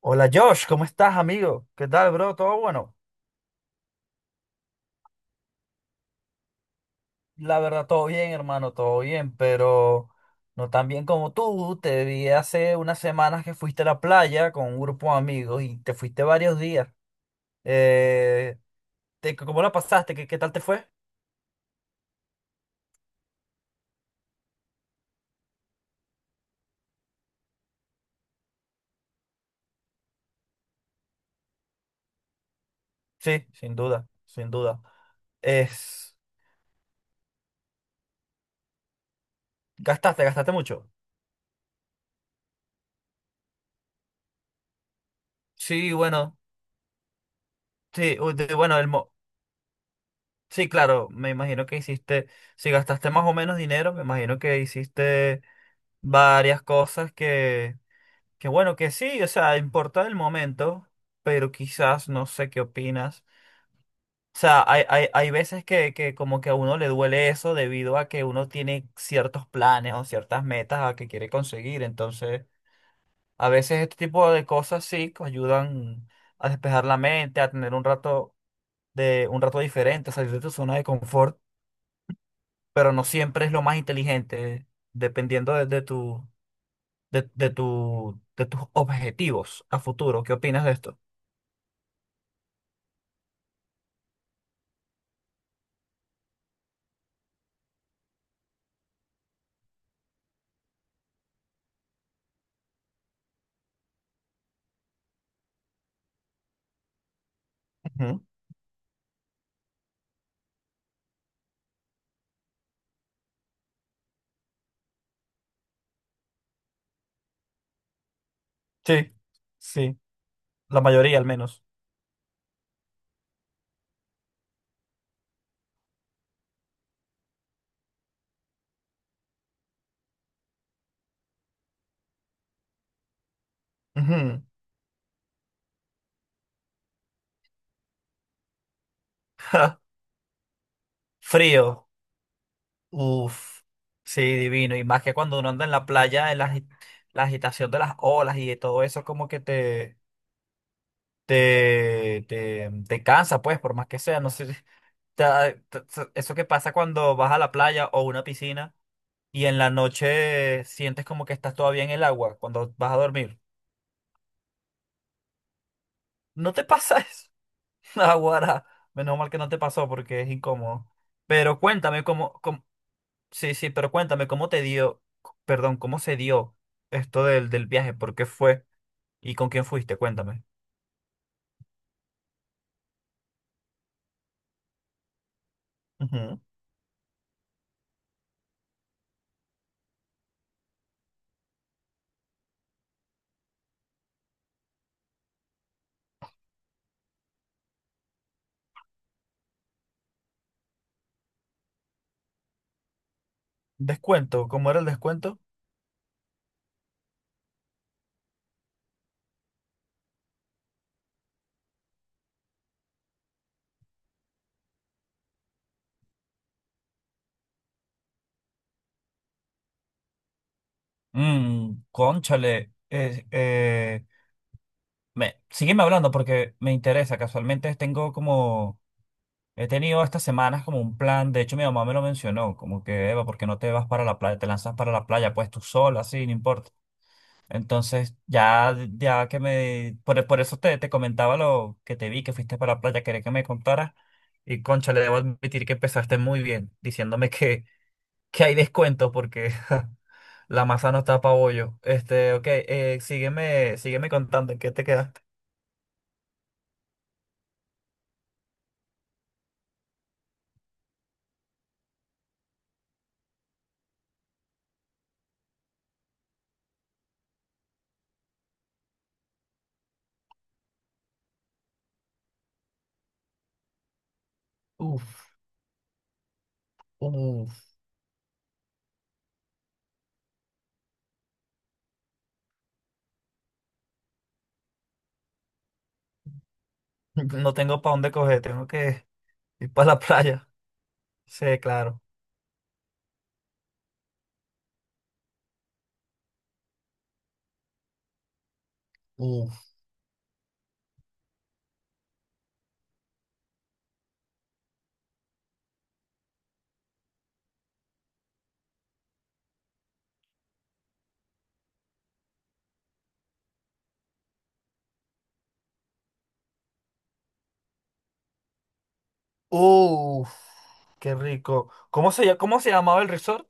Hola Josh, ¿cómo estás, amigo? ¿Qué tal, bro? ¿Todo bueno? La verdad, todo bien, hermano, todo bien, pero no tan bien como tú. Te vi hace unas semanas que fuiste a la playa con un grupo de amigos y te fuiste varios días. Eh, ¿Cómo la pasaste? ¿Qué tal te fue? Sí, sin duda, sin duda. Es, gastaste mucho. Sí, bueno, sí, u- de- bueno, el, mo- Sí, claro, me imagino que hiciste, si gastaste más o menos dinero, me imagino que hiciste varias cosas que bueno, que sí, o sea, importa el momento, pero quizás no sé qué opinas. O sea, hay veces que como que a uno le duele eso debido a que uno tiene ciertos planes o ciertas metas a que quiere conseguir. Entonces, a veces este tipo de cosas sí que ayudan a despejar la mente, a tener un rato un rato diferente, a salir de tu zona de confort. Pero no siempre es lo más inteligente, dependiendo de tu, de tus objetivos a futuro. ¿Qué opinas de esto? Ujú. Sí, sí, la mayoría al menos. Ujú. Frío. Uf, sí, divino. Y más que cuando uno anda en la playa, la agitación de las olas y de todo eso, como que te cansa, pues, por más que sea. No sé, si- te ha- te- te- Eso que pasa cuando vas a la playa o una piscina y en la noche sientes como que estás todavía en el agua cuando vas a dormir. ¿No te pasa eso? Aguara. Menos mal que no te pasó porque es incómodo. Pero cuéntame, cómo Sí, sí, pero cuéntame, ¿cómo te dio, c- perdón, ¿cómo se dio esto del viaje? ¿Por qué fue? ¿Y con quién fuiste? Cuéntame. Ujú. Descuento, ¿cómo era el descuento? Mmm, cónchale. Sígueme hablando porque me interesa. Casualmente tengo como. He tenido estas semanas como un plan. De hecho, mi mamá me lo mencionó. Como que, Eva, ¿por qué no te vas para la playa? Te lanzas para la playa, pues tú sola, así, no importa. Entonces, ya que me... Por eso te comentaba lo que te vi, que fuiste para la playa, quería que me contaras. Y concha, le debo admitir que empezaste muy bien, diciéndome que hay descuento porque la masa no está pa bollo. Este, ok, sígueme contando en qué te quedaste. Uf, uf, no tengo para dónde coger, tengo que ir para la playa. Sí, claro. Uf, uf, qué rico. ¿Cómo se llamaba el resort?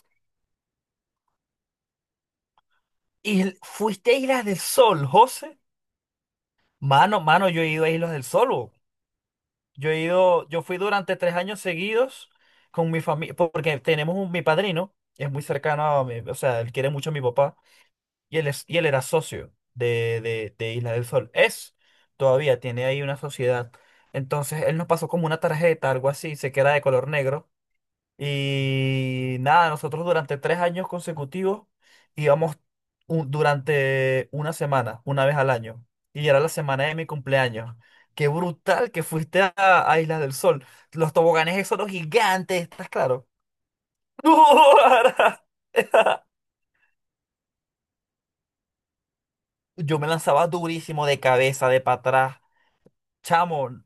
Y fuiste a Islas del Sol, José. Mano, mano, yo he ido a Islas del Sol. Bo. Yo he ido, yo fui durante tres años seguidos con mi familia, porque mi padrino, es muy cercano a mi, o sea, él quiere mucho a mi papá, y él era socio de Islas del Sol. Es, todavía tiene ahí una sociedad. Entonces, él nos pasó como una tarjeta, algo así, se queda de color negro. Y nada, nosotros durante tres años consecutivos íbamos durante una semana, una vez al año. Y era la semana de mi cumpleaños. Qué brutal que fuiste a Islas del Sol. Los toboganes esos los gigantes, ¿estás claro? Yo me lanzaba durísimo de cabeza, de para atrás. Chamo,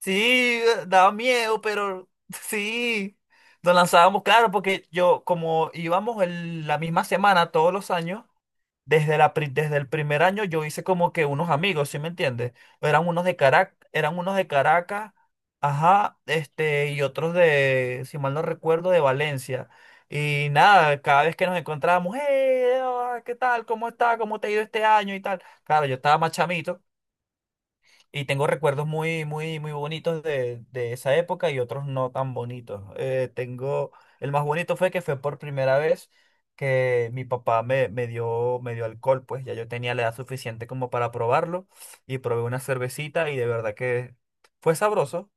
sí, daba miedo, pero sí. Nos lanzábamos, claro, porque yo, como íbamos la misma semana todos los años, desde el primer año yo hice como que unos amigos, ¿sí me entiendes? Eran unos de Caracas, eran unos de Caracas, ajá, este, y otros de, si mal no recuerdo, de Valencia. Y nada, cada vez que nos encontrábamos, hey, hola, ¿qué tal? ¿Cómo está? ¿Cómo te ha ido este año? Y tal. Claro, yo estaba más chamito, y tengo recuerdos muy bonitos de esa época y otros no tan bonitos. El más bonito fue que fue por primera vez que mi papá me dio alcohol, pues ya yo tenía la edad suficiente como para probarlo y probé una cervecita y de verdad que fue sabroso,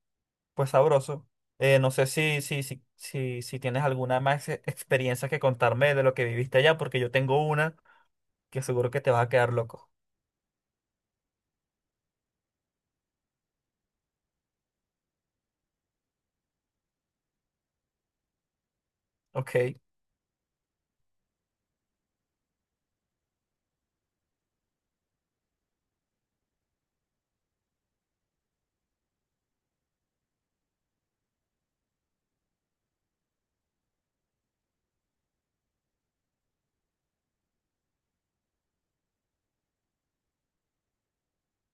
fue sabroso. No sé si tienes alguna más experiencia que contarme de lo que viviste allá, porque yo tengo una que seguro que te vas a quedar loco. Ok,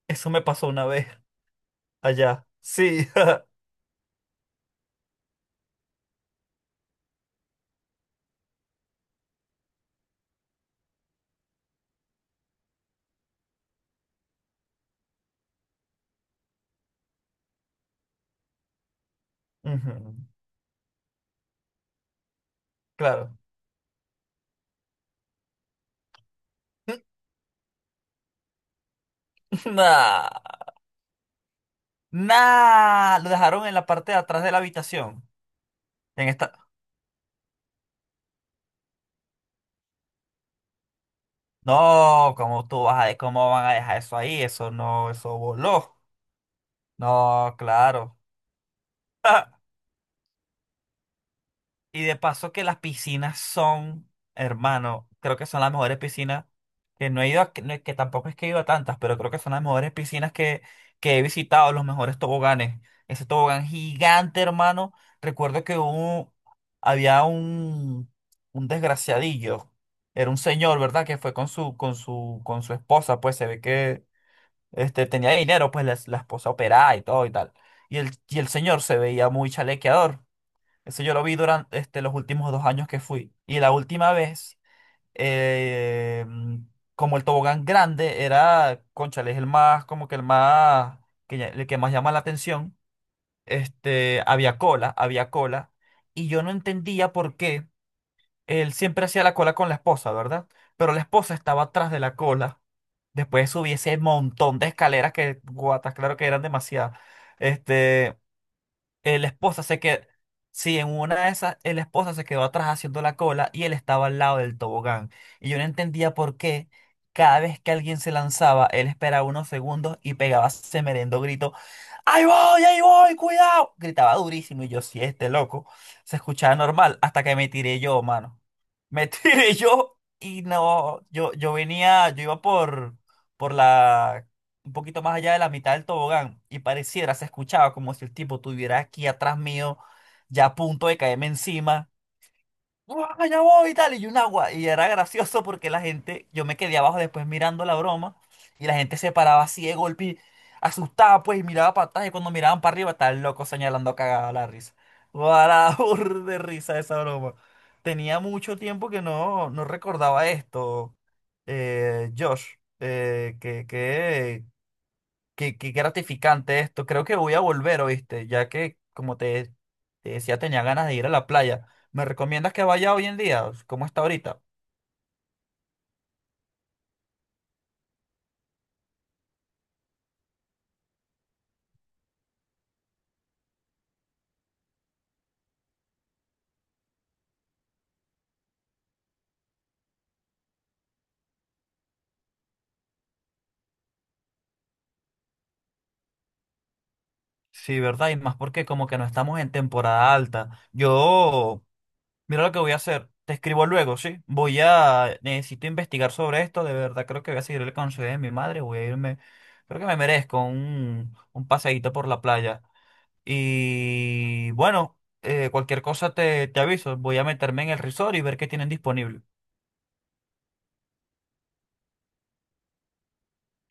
eso me pasó una vez allá. Sí. Ujú, claro. Nah, nah, lo dejaron en la parte de atrás de la habitación. En esta. No, ¿cómo tú vas a, cómo van a dejar eso ahí? Eso no, eso voló. No, claro. Y de paso que las piscinas son, hermano, creo que son las mejores piscinas que no he ido, que, no es que tampoco es que he ido a tantas, pero creo que son las mejores piscinas que he visitado, los mejores toboganes. Ese tobogán gigante, hermano. Recuerdo que hubo, Había un desgraciadillo. Era un señor, ¿verdad? Que fue con su esposa, pues se ve que este, tenía dinero, pues la esposa operaba y todo y tal. Y el señor se veía muy chalequeador. Eso yo lo vi durante este, los últimos dos años que fui. Y la última vez, eh, mm, como el tobogán grande era, cónchale, es el más, como que el más, el que más llama la atención, este, había cola, había cola. Y yo no entendía por qué él siempre hacía la cola con la esposa, ¿verdad? Pero la esposa estaba atrás de la cola. Después subí ese montón de escaleras que, guatas, claro que eran demasiadas. Este. El esposa se quedó, sí, en una de esas, el esposa se quedó atrás haciendo la cola y él estaba al lado del tobogán. Y yo no entendía por qué cada vez que alguien se lanzaba, él esperaba unos segundos y pegaba ese merendo grito, ahí voy, cuidado! Gritaba durísimo y yo, sí, este loco, se escuchaba normal hasta que me tiré yo, mano. Me tiré yo y no, yo venía, yo iba por la un poquito más allá de la mitad del tobogán y pareciera, se escuchaba como si el tipo estuviera aquí atrás mío, ya a punto de caerme encima. ¡Uah, ya voy! Y tal, y un agua. Y era gracioso porque la gente, yo me quedé abajo después mirando la broma y la gente se paraba así de golpe, y asustada pues, y miraba para atrás y cuando miraban para arriba estaba el loco señalando cagada la risa. ¡Guau, de risa esa broma! Tenía mucho tiempo que no, no recordaba esto, Josh. Eh, que, qué gratificante esto. Creo que voy a volver, ¿oíste? Ya que, como te decía, tenía ganas de ir a la playa. ¿Me recomiendas que vaya hoy en día? ¿Cómo está ahorita? Sí, ¿verdad? Y más porque como que no estamos en temporada alta. Yo, mira lo que voy a hacer. Te escribo luego, ¿sí? Voy a, necesito investigar sobre esto. De verdad, creo que voy a seguir el consejo de mi madre. Voy a irme, creo que me merezco un paseíto por la playa. Y bueno, cualquier cosa te aviso. Voy a meterme en el resort y ver qué tienen disponible.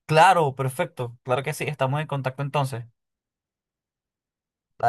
Claro, perfecto. Claro que sí. Estamos en contacto entonces.